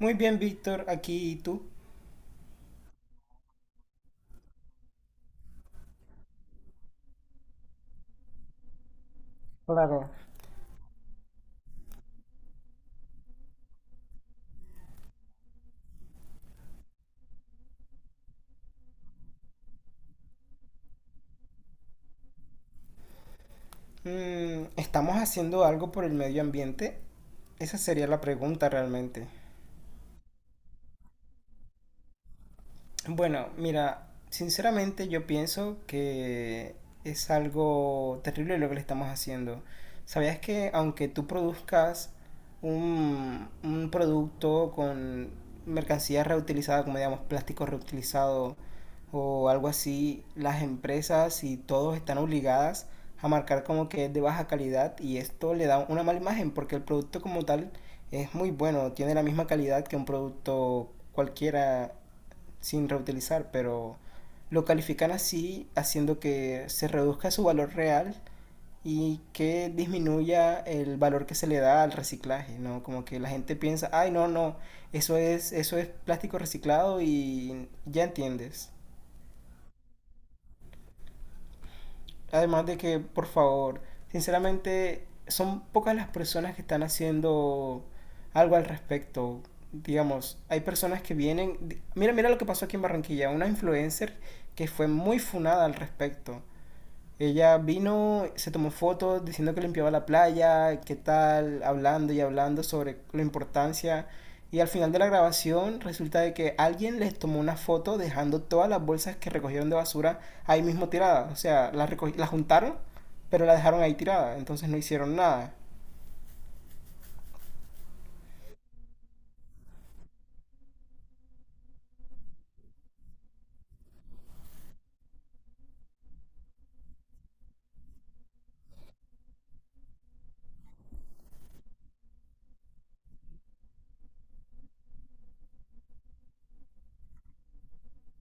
Muy bien, Víctor, aquí y tú. Claro. ¿Estamos haciendo algo por el medio ambiente? Esa sería la pregunta realmente. Bueno, mira, sinceramente yo pienso que es algo terrible lo que le estamos haciendo. ¿Sabías que aunque tú produzcas un producto con mercancía reutilizada, como digamos plástico reutilizado o algo así, las empresas y todos están obligadas a marcar como que es de baja calidad y esto le da una mala imagen porque el producto como tal es muy bueno, tiene la misma calidad que un producto cualquiera sin reutilizar, pero lo califican así, haciendo que se reduzca su valor real y que disminuya el valor que se le da al reciclaje, ¿no? Como que la gente piensa, ay, no, no, eso es plástico reciclado y ya entiendes. Además de que, por favor, sinceramente, son pocas las personas que están haciendo algo al respecto. Digamos, hay personas que vienen. Mira, mira lo que pasó aquí en Barranquilla. Una influencer que fue muy funada al respecto. Ella vino, se tomó fotos diciendo que limpiaba la playa, qué tal, hablando y hablando sobre la importancia. Y al final de la grabación resulta de que alguien les tomó una foto dejando todas las bolsas que recogieron de basura ahí mismo tiradas. O sea, las, las juntaron, pero las dejaron ahí tiradas. Entonces no hicieron nada.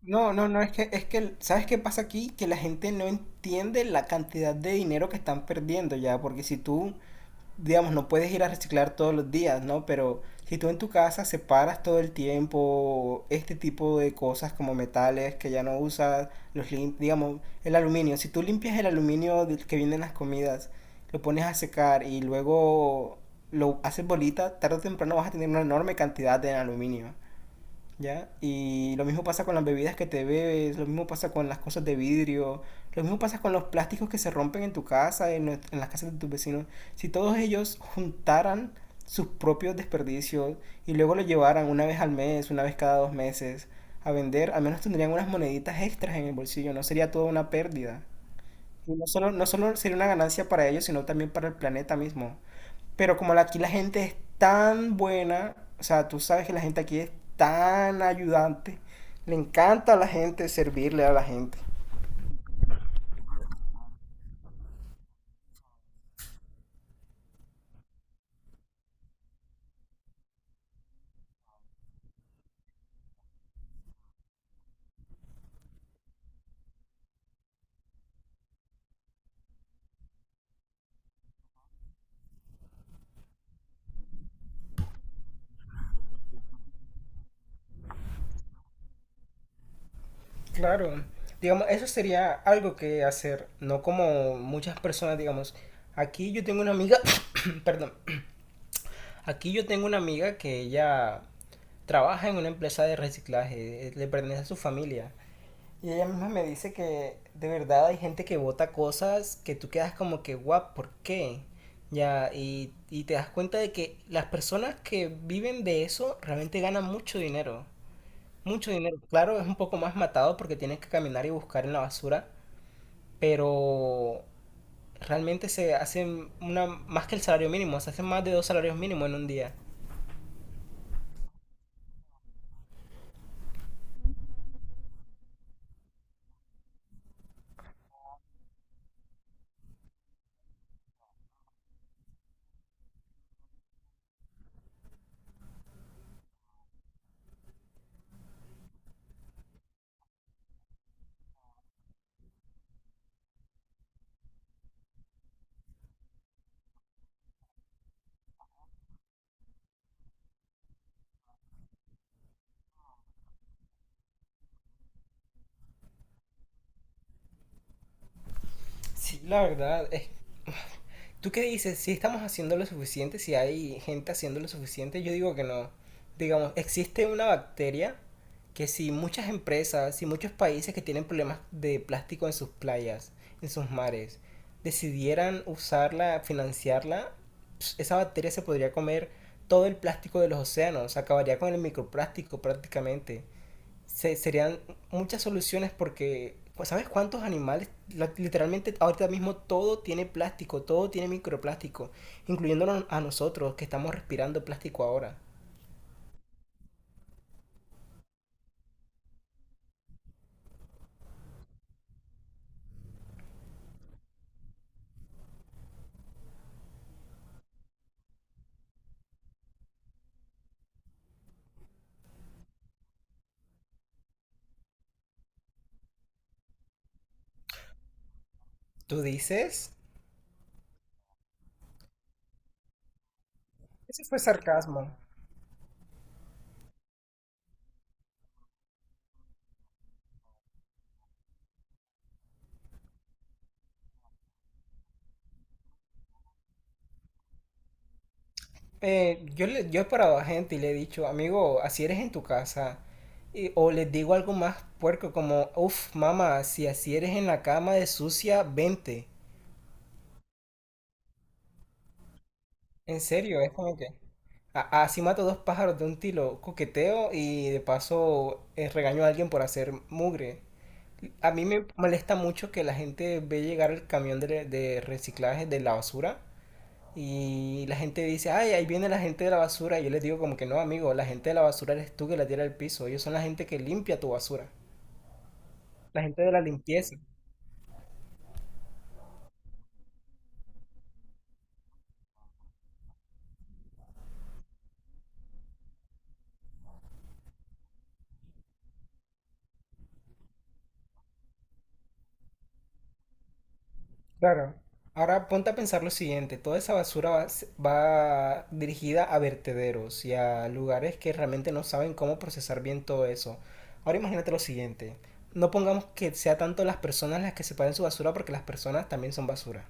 No, no, no, es que, ¿sabes qué pasa aquí? Que la gente no entiende la cantidad de dinero que están perdiendo ya, porque si tú digamos, no puedes ir a reciclar todos los días, ¿no? Pero si tú en tu casa separas todo el tiempo este tipo de cosas como metales que ya no usas, digamos, el aluminio, si tú limpias el aluminio del que vienen las comidas, lo pones a secar y luego lo haces bolita, tarde o temprano vas a tener una enorme cantidad de aluminio. ¿Ya? Y lo mismo pasa con las bebidas que te bebes, lo mismo pasa con las cosas de vidrio, lo mismo pasa con los plásticos que se rompen en tu casa, en las casas de tus vecinos. Si todos ellos juntaran sus propios desperdicios y luego lo llevaran una vez al mes, una vez cada dos meses a vender, al menos tendrían unas moneditas extras en el bolsillo, no sería toda una pérdida. Y no solo sería una ganancia para ellos, sino también para el planeta mismo. Pero como aquí la gente es tan buena, o sea, tú sabes que la gente aquí es tan ayudante, le encanta a la gente servirle a la gente. Claro, digamos, eso sería algo que hacer, no como muchas personas, digamos, aquí yo tengo una amiga, perdón, aquí yo tengo una amiga que ella trabaja en una empresa de reciclaje, le pertenece a su familia. Y ella misma me dice que de verdad hay gente que vota cosas que tú quedas como que, guau, ¿por qué? Ya, y te das cuenta de que las personas que viven de eso realmente ganan mucho dinero. Mucho dinero. Claro, es un poco más matado porque tienes que caminar y buscar en la basura, pero realmente se hacen una, más que el salario mínimo, se hacen más de dos salarios mínimos en un día. Sí, la verdad, es ¿tú qué dices? Si estamos haciendo lo suficiente, si hay gente haciendo lo suficiente, yo digo que no. Digamos, existe una bacteria que si muchas empresas, si muchos países que tienen problemas de plástico en sus playas, en sus mares, decidieran usarla, financiarla, pss, esa bacteria se podría comer todo el plástico de los océanos, acabaría con el microplástico prácticamente serían muchas soluciones porque, pues, ¿sabes cuántos animales? Literalmente ahorita mismo todo tiene plástico, todo tiene microplástico, incluyéndonos a nosotros que estamos respirando plástico ahora. ¿Tú dices? Ese fue sarcasmo. Yo he parado a gente y le he dicho, amigo, así eres en tu casa. O les digo algo más puerco como, uff, mamá, si así eres en la cama de sucia, vente. En serio, es como que así mato dos pájaros de un tiro, coqueteo y de paso regaño a alguien por hacer mugre. A mí me molesta mucho que la gente ve llegar el camión de reciclaje de la basura y la gente dice, ay, ahí viene la gente de la basura. Y yo les digo como que no, amigo, la gente de la basura eres tú que la tira al piso. Ellos son la gente que limpia tu basura. La gente de la limpieza. Claro. Ahora ponte a pensar lo siguiente, toda esa basura va, va dirigida a vertederos y a lugares que realmente no saben cómo procesar bien todo eso. Ahora imagínate lo siguiente, no pongamos que sea tanto las personas las que separen su basura porque las personas también son basura.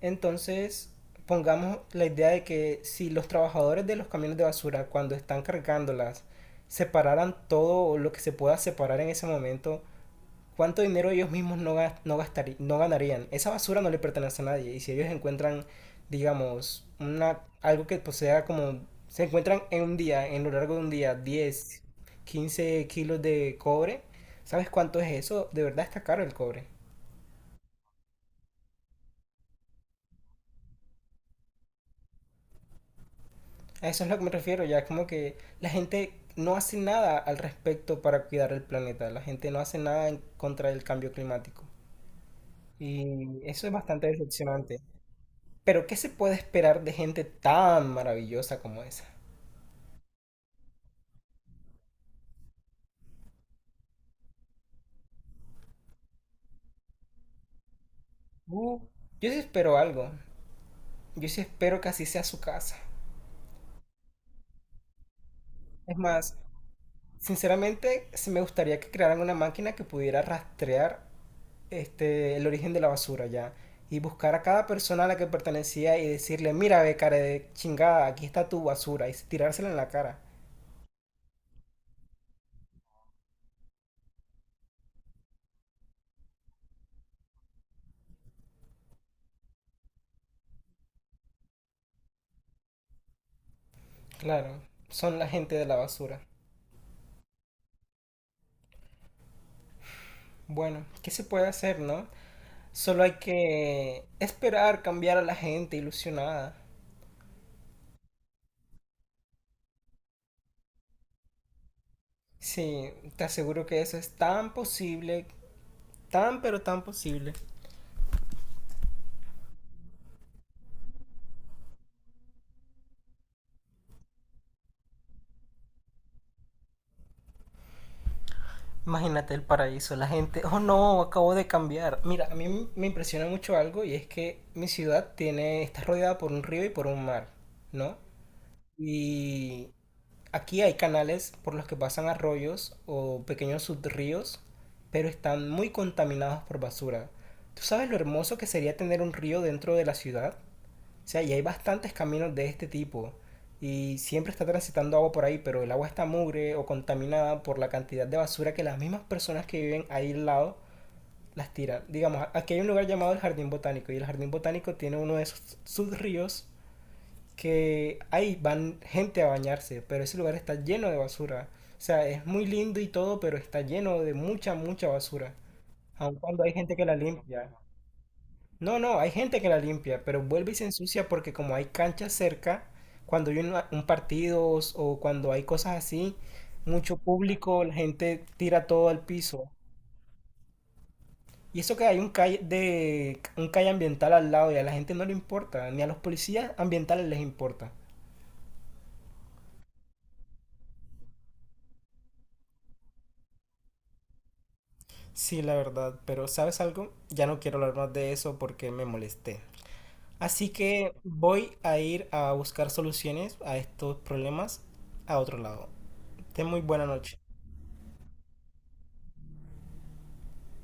Entonces, pongamos la idea de que si los trabajadores de los camiones de basura cuando están cargándolas separaran todo lo que se pueda separar en ese momento, ¿cuánto dinero ellos mismos no ganarían? Esa basura no le pertenece a nadie. Y si ellos encuentran, digamos, una, algo que posea como... Se encuentran en un día, en lo largo de un día, 10, 15 kilos de cobre. ¿Sabes cuánto es eso? De verdad está caro el cobre. A eso es lo que me refiero. Ya es como que la gente no hace nada al respecto para cuidar el planeta. La gente no hace nada en contra del cambio climático. Y eso es bastante decepcionante. Pero ¿qué se puede esperar de gente tan maravillosa como esa? Uh, Yo sí espero algo. Yo sí espero que así sea su casa. Es más, sinceramente, sí me gustaría que crearan una máquina que pudiera rastrear este, el origen de la basura ya. Y buscar a cada persona a la que pertenecía y decirle, mira, ve, cara de chingada, aquí está tu basura. Y tirársela en la cara. Claro, son la gente de la basura. Bueno, ¿qué se puede hacer, no? Solo hay que esperar cambiar a la gente ilusionada. Sí, te aseguro que eso es tan posible, tan pero tan posible. Imagínate el paraíso, la gente, oh no, acabo de cambiar. Mira, a mí me impresiona mucho algo y es que mi ciudad tiene, está rodeada por un río y por un mar, ¿no? Y aquí hay canales por los que pasan arroyos o pequeños subríos, pero están muy contaminados por basura. ¿Tú sabes lo hermoso que sería tener un río dentro de la ciudad? O sea, y hay bastantes caminos de este tipo. Y siempre está transitando agua por ahí, pero el agua está mugre o contaminada por la cantidad de basura que las mismas personas que viven ahí al lado las tiran. Digamos, aquí hay un lugar llamado el Jardín Botánico y el Jardín Botánico tiene uno de esos sus ríos que ahí van gente a bañarse, pero ese lugar está lleno de basura. O sea, es muy lindo y todo, pero está lleno de mucha, mucha basura. Aun cuando hay gente que la limpia. No, no, hay gente que la limpia, pero vuelve y se ensucia porque como hay canchas cerca, cuando hay un partido o cuando hay cosas así, mucho público, la gente tira todo al piso. Y eso que hay un calle de un calle ambiental al lado y a la gente no le importa, ni a los policías ambientales les importa. Sí, la verdad, pero ¿sabes algo? Ya no quiero hablar más de eso porque me molesté. Así que voy a ir a buscar soluciones a estos problemas a otro lado. Ten muy buena noche.